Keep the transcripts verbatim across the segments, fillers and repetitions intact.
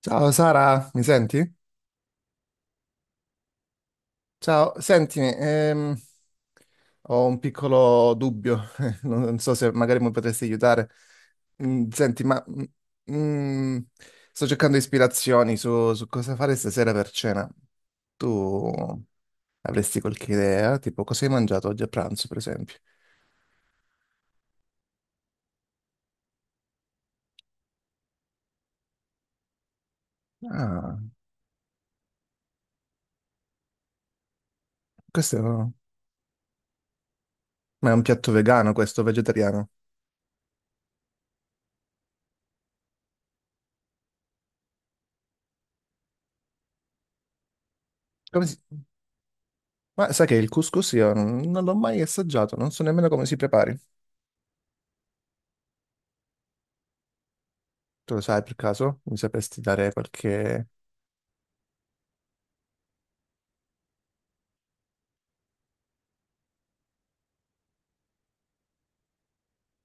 Ciao Sara, mi senti? Ciao, sentimi, ehm, ho un piccolo dubbio, eh, non non so se magari mi potresti aiutare. Mm, senti, ma mm, mm, sto cercando ispirazioni su, su cosa fare stasera per cena. Tu avresti qualche idea? Tipo, cosa hai mangiato oggi a pranzo, per esempio? Ah, questo è un, ma è un piatto vegano, questo vegetariano. Come si- Ma sai che il couscous io non, non l'ho mai assaggiato, non so nemmeno come si prepari. Tu lo sai per caso? Mi sapresti dare qualche...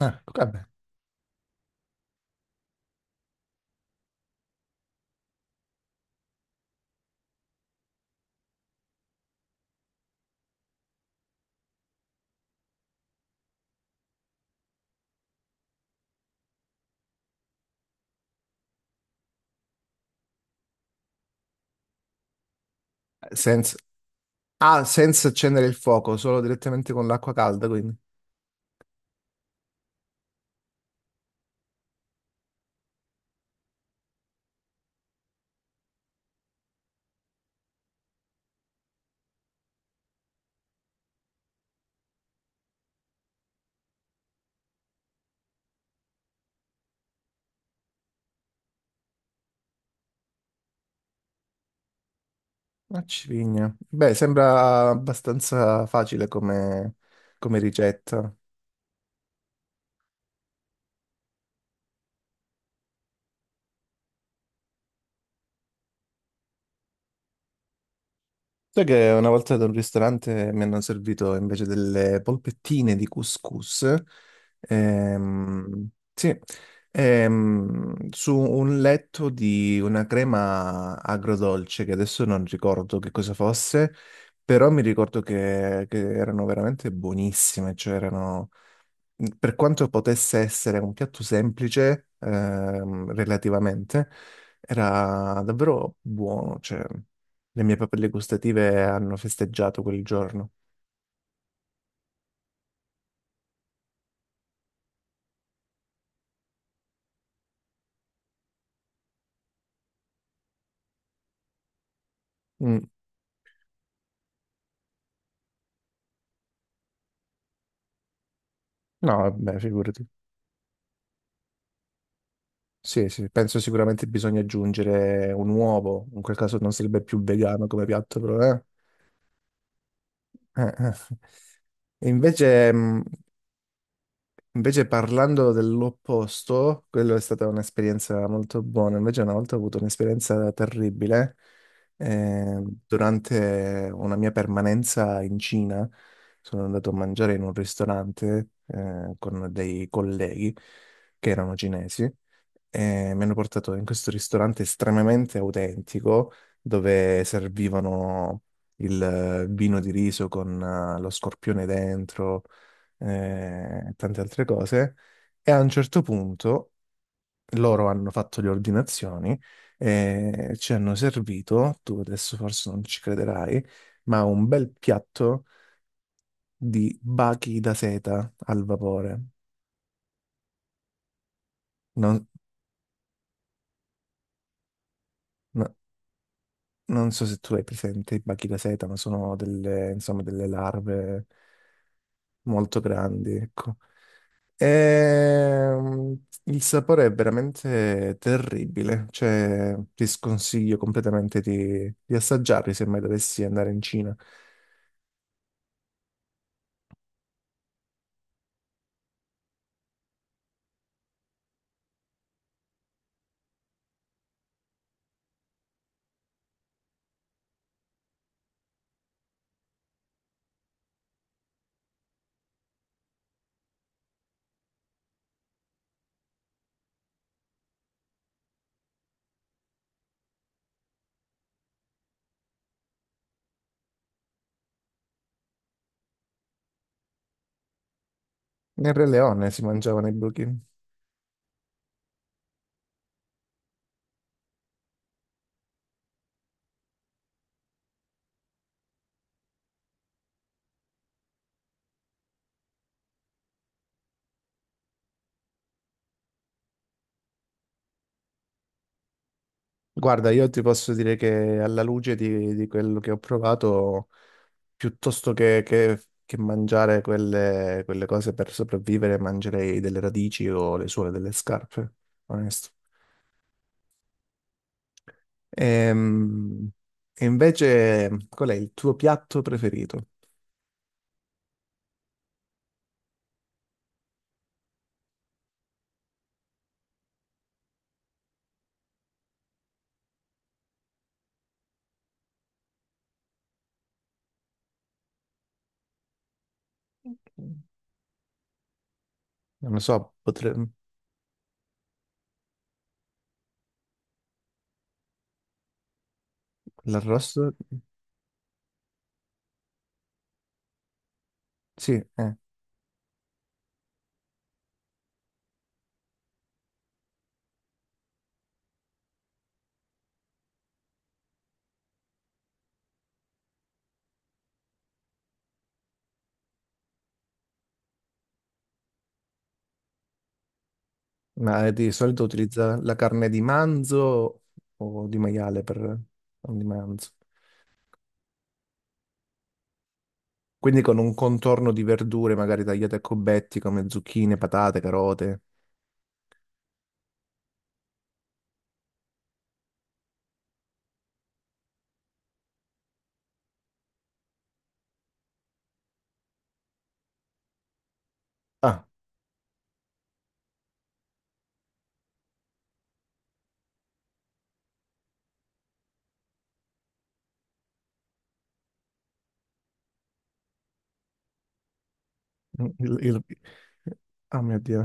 Ah, ecco, vabbè. Senza... Ah, senza accendere il fuoco, solo direttamente con l'acqua calda, quindi. Una civigna. Beh, sembra abbastanza facile come, come ricetta. Sai che una volta ad un ristorante mi hanno servito invece delle polpettine di couscous, ehm, sì, ehm, su un letto di una crema agrodolce che adesso non ricordo che cosa fosse, però mi ricordo che, che erano veramente buonissime, cioè erano mhmm, per quanto potesse essere un piatto semplice, ehm, relativamente, era davvero buono, cioè le mie papille gustative hanno festeggiato quel giorno. Mm. No, vabbè, figurati. Sì, sì, penso sicuramente bisogna aggiungere un uovo, in quel caso non sarebbe più vegano come piatto, però eh. Eh, eh. E invece, mh, invece parlando dell'opposto, quello è stata un'esperienza molto buona. Invece una volta ho avuto un'esperienza terribile eh, durante una mia permanenza in Cina. Sono andato a mangiare in un ristorante eh, con dei colleghi che erano cinesi e mi hanno portato in questo ristorante estremamente autentico dove servivano il eh, vino di riso con eh, lo scorpione dentro, eh, e tante altre cose. E a un certo punto loro hanno fatto le ordinazioni e ci hanno servito, tu adesso forse non ci crederai, ma un bel piatto di bachi da seta al vapore. Non- no- Non so se tu hai presente i bachi da seta, ma sono delle, insomma, delle larve molto grandi, ecco. Ehm, il sapore è veramente terribile, cioè ti sconsiglio completamente di, di assaggiarli se mai dovessi andare in Cina. Nel Re Leone si mangiavano i buchi. Guarda, io ti posso dire che alla luce di, di quello che ho provato, piuttosto che, che- che mangiare quelle, quelle cose per sopravvivere, mangerei delle radici o le suole delle scarpe, onesto. Ehm, E, invece, qual è il tuo piatto preferito? Ok. Non lo so, potre- l'arrosto? Sì, eh. Ma di solito utilizza la carne di manzo o di maiale per... o di manzo. Quindi con un contorno di verdure magari tagliate a cubetti come zucchine, patate, carote. Ah, il- il- ah, mio Dio.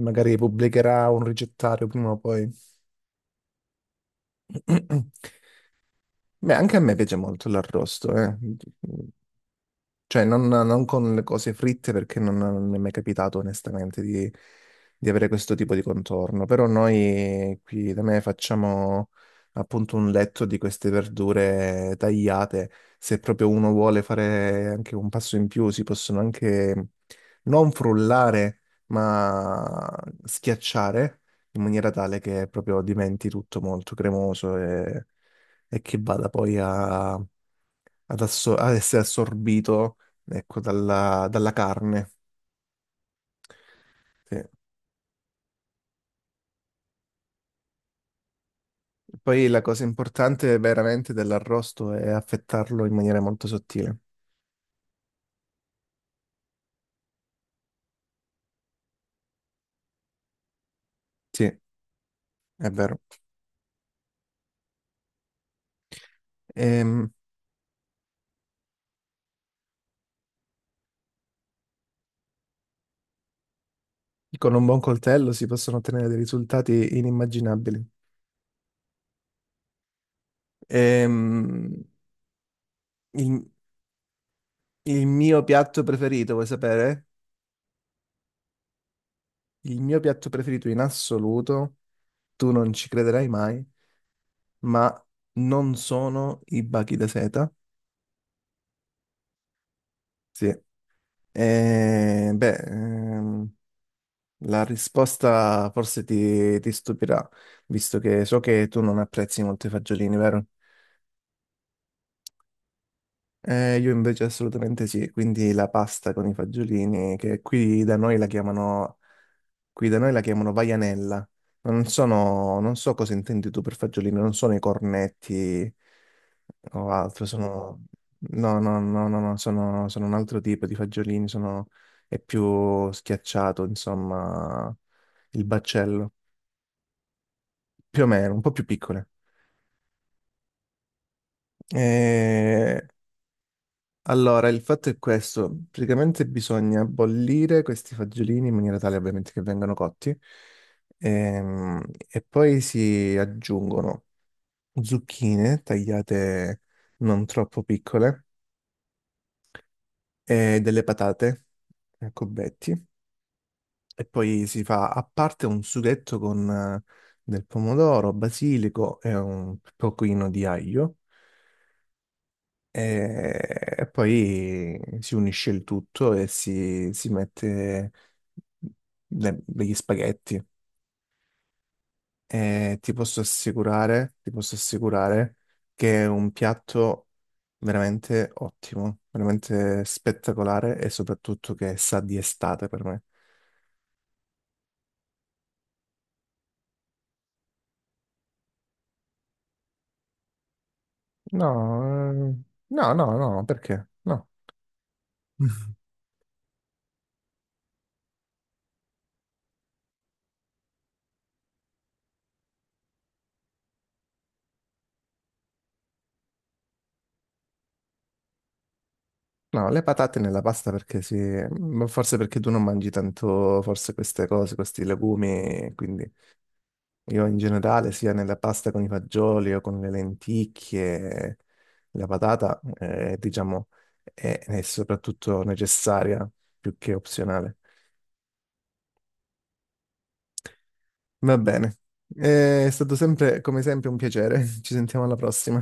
Magari pubblicherà un ricettario prima o poi. Beh, anche a me piace molto l'arrosto, eh. Cioè, non, non con le cose fritte perché non, non mi è mai capitato onestamente di, di avere questo tipo di contorno. Però noi qui da me facciamo appunto un letto di queste verdure tagliate. Se proprio uno vuole fare anche un passo in più, si possono anche non frullare, ma schiacciare in maniera tale che proprio diventi tutto molto cremoso e, e che vada poi a ad, asso- ad essere assorbito, ecco, dalla, dalla carne. Sì. Poi la cosa importante veramente dell'arrosto è affettarlo in maniera molto sottile. Sì, è vero. Ehm, con un buon coltello si possono ottenere dei risultati inimmaginabili. Ehm, il, il mio piatto preferito, vuoi sapere? Il mio piatto preferito in assoluto, tu non ci crederai mai, ma non sono i bachi da seta. Sì. Eh, beh, ehm, la risposta forse ti, ti stupirà, visto che so che tu non apprezzi molto i fagiolini, vero? Eh, io invece assolutamente sì, quindi la pasta con i fagiolini, che qui da noi la chiamano, qui da noi la chiamano vaianella. Non sono, non so cosa intendi tu per fagiolini, non sono i cornetti o altro, sono... No, no, no, no, no, sono, sono un altro tipo di fagiolini, sono... è più schiacciato, insomma, il baccello, più o meno, un po' più piccole. E allora, il fatto è questo, praticamente bisogna bollire questi fagiolini in maniera tale ovviamente che vengano cotti, ehm, e poi si aggiungono zucchine tagliate non troppo piccole e delle patate a cubetti e poi si fa a parte un sughetto con eh, del pomodoro, basilico e un pochino di aglio. E, e poi si unisce il tutto e si, si mette le- degli spaghetti. E ti posso assicurare, ti posso assicurare che è un piatto veramente ottimo, veramente spettacolare e soprattutto che sa di estate per me. No, eh, no, no, no, perché? No. No, le patate nella pasta perché sì, ma forse perché tu non mangi tanto, forse queste cose, questi legumi, quindi... Io in generale, sia nella pasta con i fagioli o con le lenticchie, la patata, eh, diciamo, è, è soprattutto necessaria più che opzionale. Va bene. Eh, è stato sempre, come sempre, un piacere. Ci sentiamo alla prossima.